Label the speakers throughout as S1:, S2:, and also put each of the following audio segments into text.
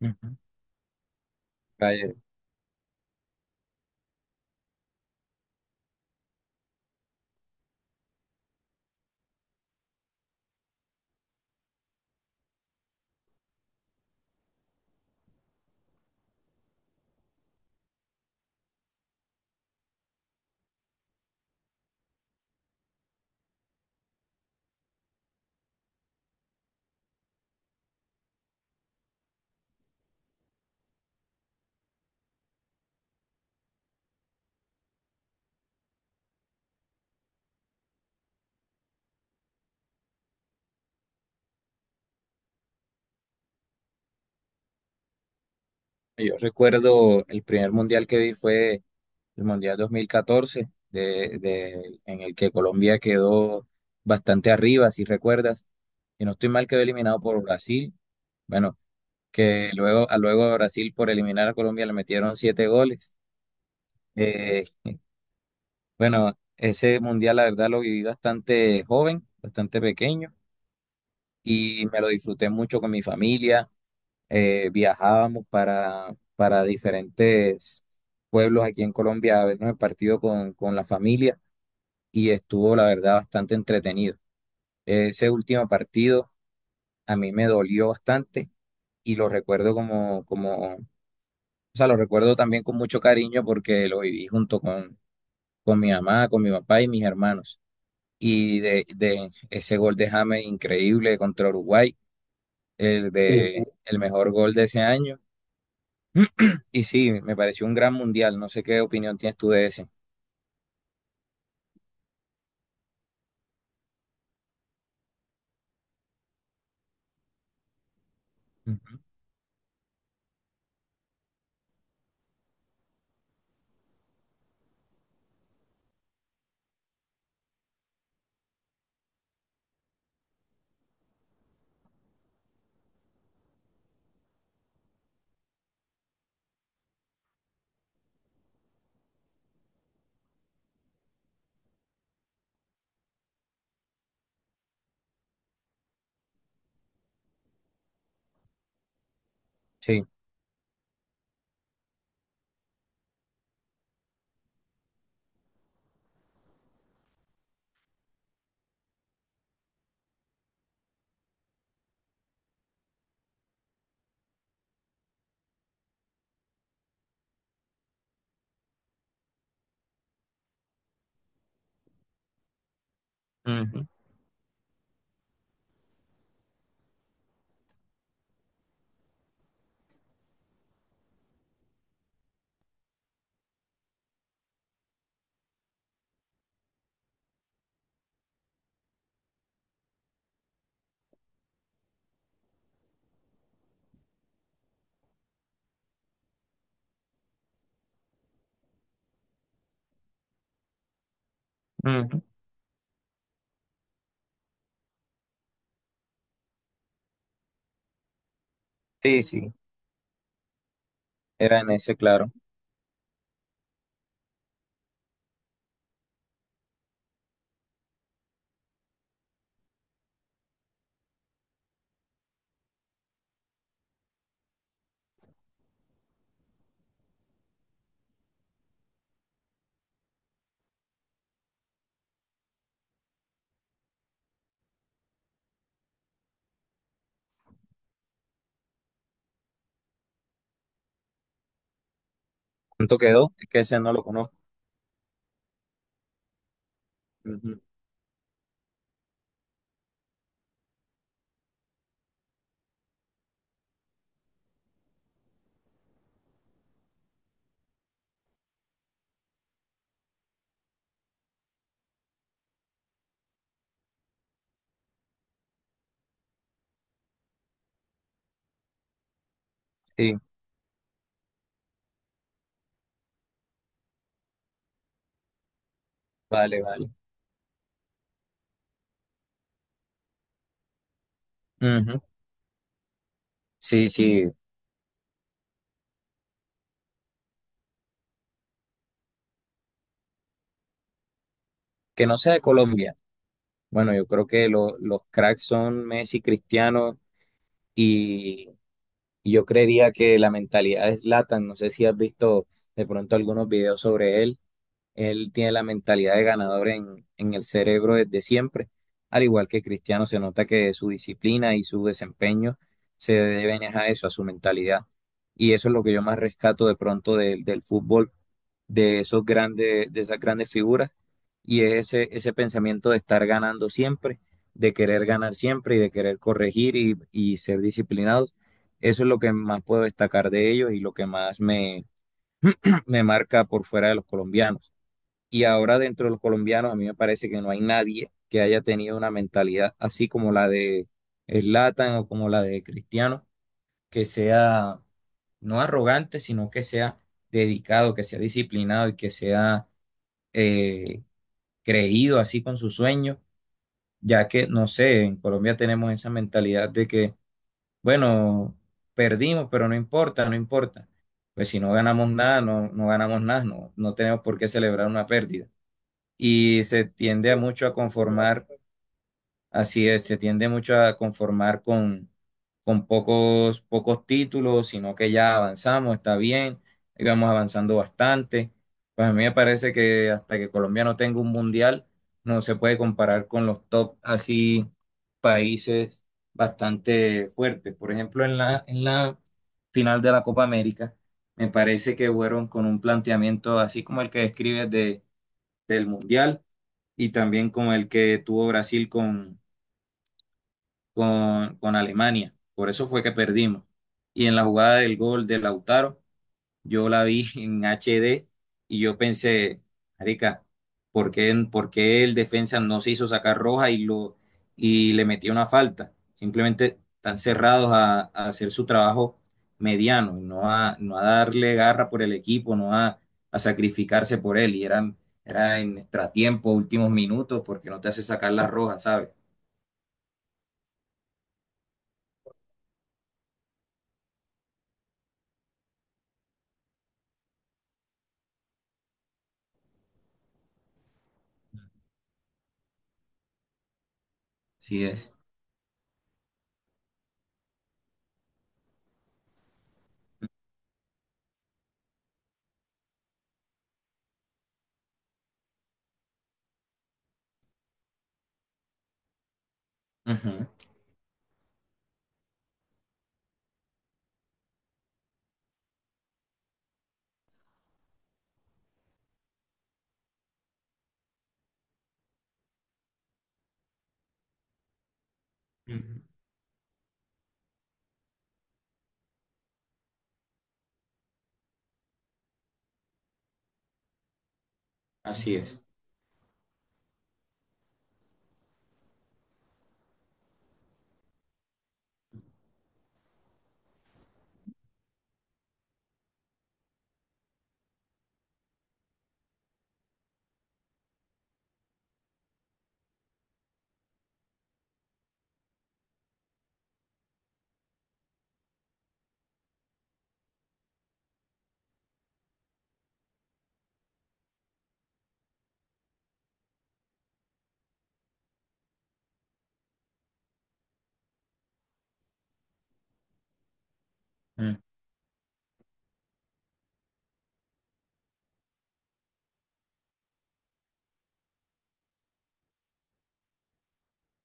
S1: Ujú. Vaya, yo recuerdo el primer mundial que vi fue el Mundial 2014 en el que Colombia quedó bastante arriba, si recuerdas. Y no estoy mal, quedó eliminado por Brasil. Bueno, que luego, a Brasil por eliminar a Colombia le metieron siete goles. Eh, bueno, ese mundial la verdad lo viví bastante joven, bastante pequeño y me lo disfruté mucho con mi familia. Viajábamos para diferentes pueblos aquí en Colombia a vernos el partido con la familia y estuvo, la verdad, bastante entretenido. Ese último partido a mí me dolió bastante y lo recuerdo o sea, lo recuerdo también con mucho cariño porque lo viví junto con mi mamá, con mi papá y mis hermanos. Y de ese gol de James increíble contra Uruguay, el sí, de el mejor gol de ese año. Y sí, me pareció un gran mundial. No sé qué opinión tienes tú de ese. Ujú. Sí. Ujú. Sí, sí, era en ese, claro. ¿Cuánto quedó? Es que ese no lo conozco. Ujú. Sí, vale, vale. Ujú. Sí, sí, que no sea de Colombia. Bueno, yo creo que los cracks son Messi, Cristiano y, y yo creería que la mentalidad es Zlatan. No sé si has visto de pronto algunos videos sobre él. Él tiene la mentalidad de ganador en el cerebro desde siempre. Al igual que Cristiano, se nota que su disciplina y su desempeño se deben a eso, a su mentalidad. Y eso es lo que yo más rescato de pronto del fútbol, de esos grandes, de esas grandes figuras, y es ese pensamiento de estar ganando siempre, de querer ganar siempre y de querer corregir y ser disciplinados. Eso es lo que más puedo destacar de ellos y lo que más me marca por fuera de los colombianos. Y ahora dentro de los colombianos, a mí me parece que no hay nadie que haya tenido una mentalidad así como la de Zlatan o como la de Cristiano, que sea no arrogante, sino que sea dedicado, que sea disciplinado y que sea eh, creído así con sus sueños, ya que, no sé, en Colombia tenemos esa mentalidad de que, bueno, perdimos, pero no importa, no importa. Pues si no ganamos nada, no ganamos nada, no tenemos por qué celebrar una pérdida y se tiende a mucho a conformar, así es, se tiende mucho a conformar con pocos, pocos títulos, sino que ya avanzamos, está bien, íbamos avanzando bastante. Pues a mí me parece que hasta que Colombia no tenga un mundial, no se puede comparar con los top así países bastante fuertes. Por ejemplo, en la final de la Copa América, me parece que fueron con un planteamiento así como el que describes del mundial y también con el que tuvo Brasil con Alemania. Por eso fue que perdimos. Y en la jugada del gol de Lautaro, yo la vi en HD y yo pensé, marica, ¿por qué el defensa no se hizo sacar roja y le metió una falta? Simplemente están cerrados a hacer su trabajo mediano, no a darle garra por el equipo, no a, a sacrificarse por él. Era en extratiempo, últimos minutos, porque no te hace sacar la roja, ¿sabes? Así es. Ujú. Así es. Mm.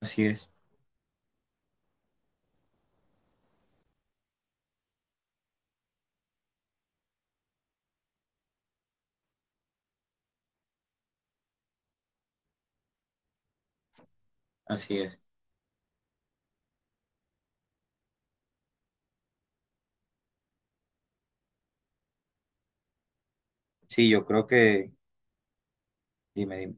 S1: Así es. Así es. Sí, yo creo que... Dime, dime.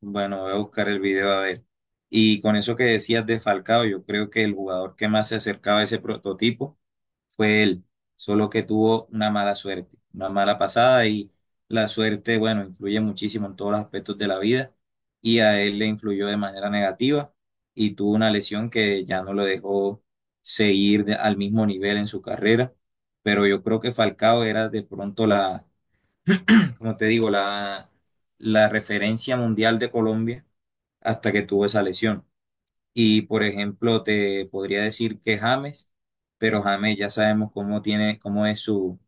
S1: Bueno, voy a buscar el video a ver. Y con eso que decías de Falcao, yo creo que el jugador que más se acercaba a ese prototipo fue él, solo que tuvo una mala suerte, una mala pasada y la suerte, bueno, influye muchísimo en todos los aspectos de la vida y a él le influyó de manera negativa y tuvo una lesión que ya no lo dejó seguir al mismo nivel en su carrera, pero yo creo que Falcao era de pronto como te digo, la referencia mundial de Colombia hasta que tuvo esa lesión. Y por ejemplo, te podría decir que James, pero James ya sabemos cómo tiene, cómo es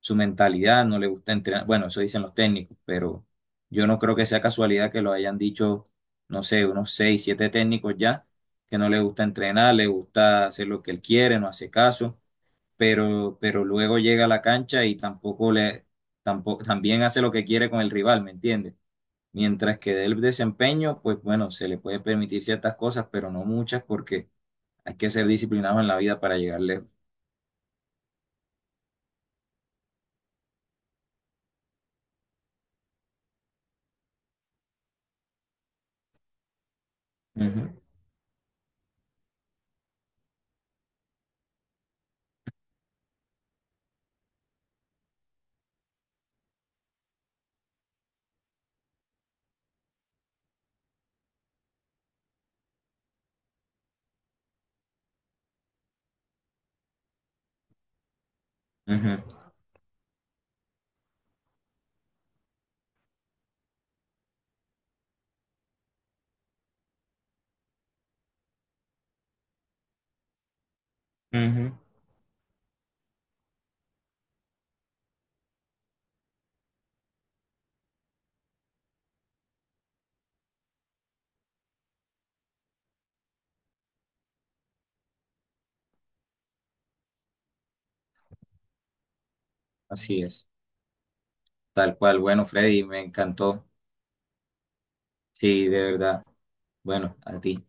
S1: su mentalidad, no le gusta entrenar. Bueno, eso dicen los técnicos, pero yo no creo que sea casualidad que lo hayan dicho, no sé, unos seis, siete técnicos ya, que no le gusta entrenar, le gusta hacer lo que él quiere, no hace caso, pero luego llega a la cancha y tampoco le, tampoco, también hace lo que quiere con el rival, ¿me entiendes? Mientras que del desempeño, pues bueno, se le puede permitir ciertas cosas, pero no muchas porque hay que ser disciplinado en la vida para llegar lejos. Ujú, ujú, ujú. Así es, tal cual. Bueno, Freddy, me encantó. Sí, de verdad. Bueno, a ti,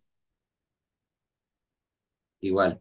S1: igual.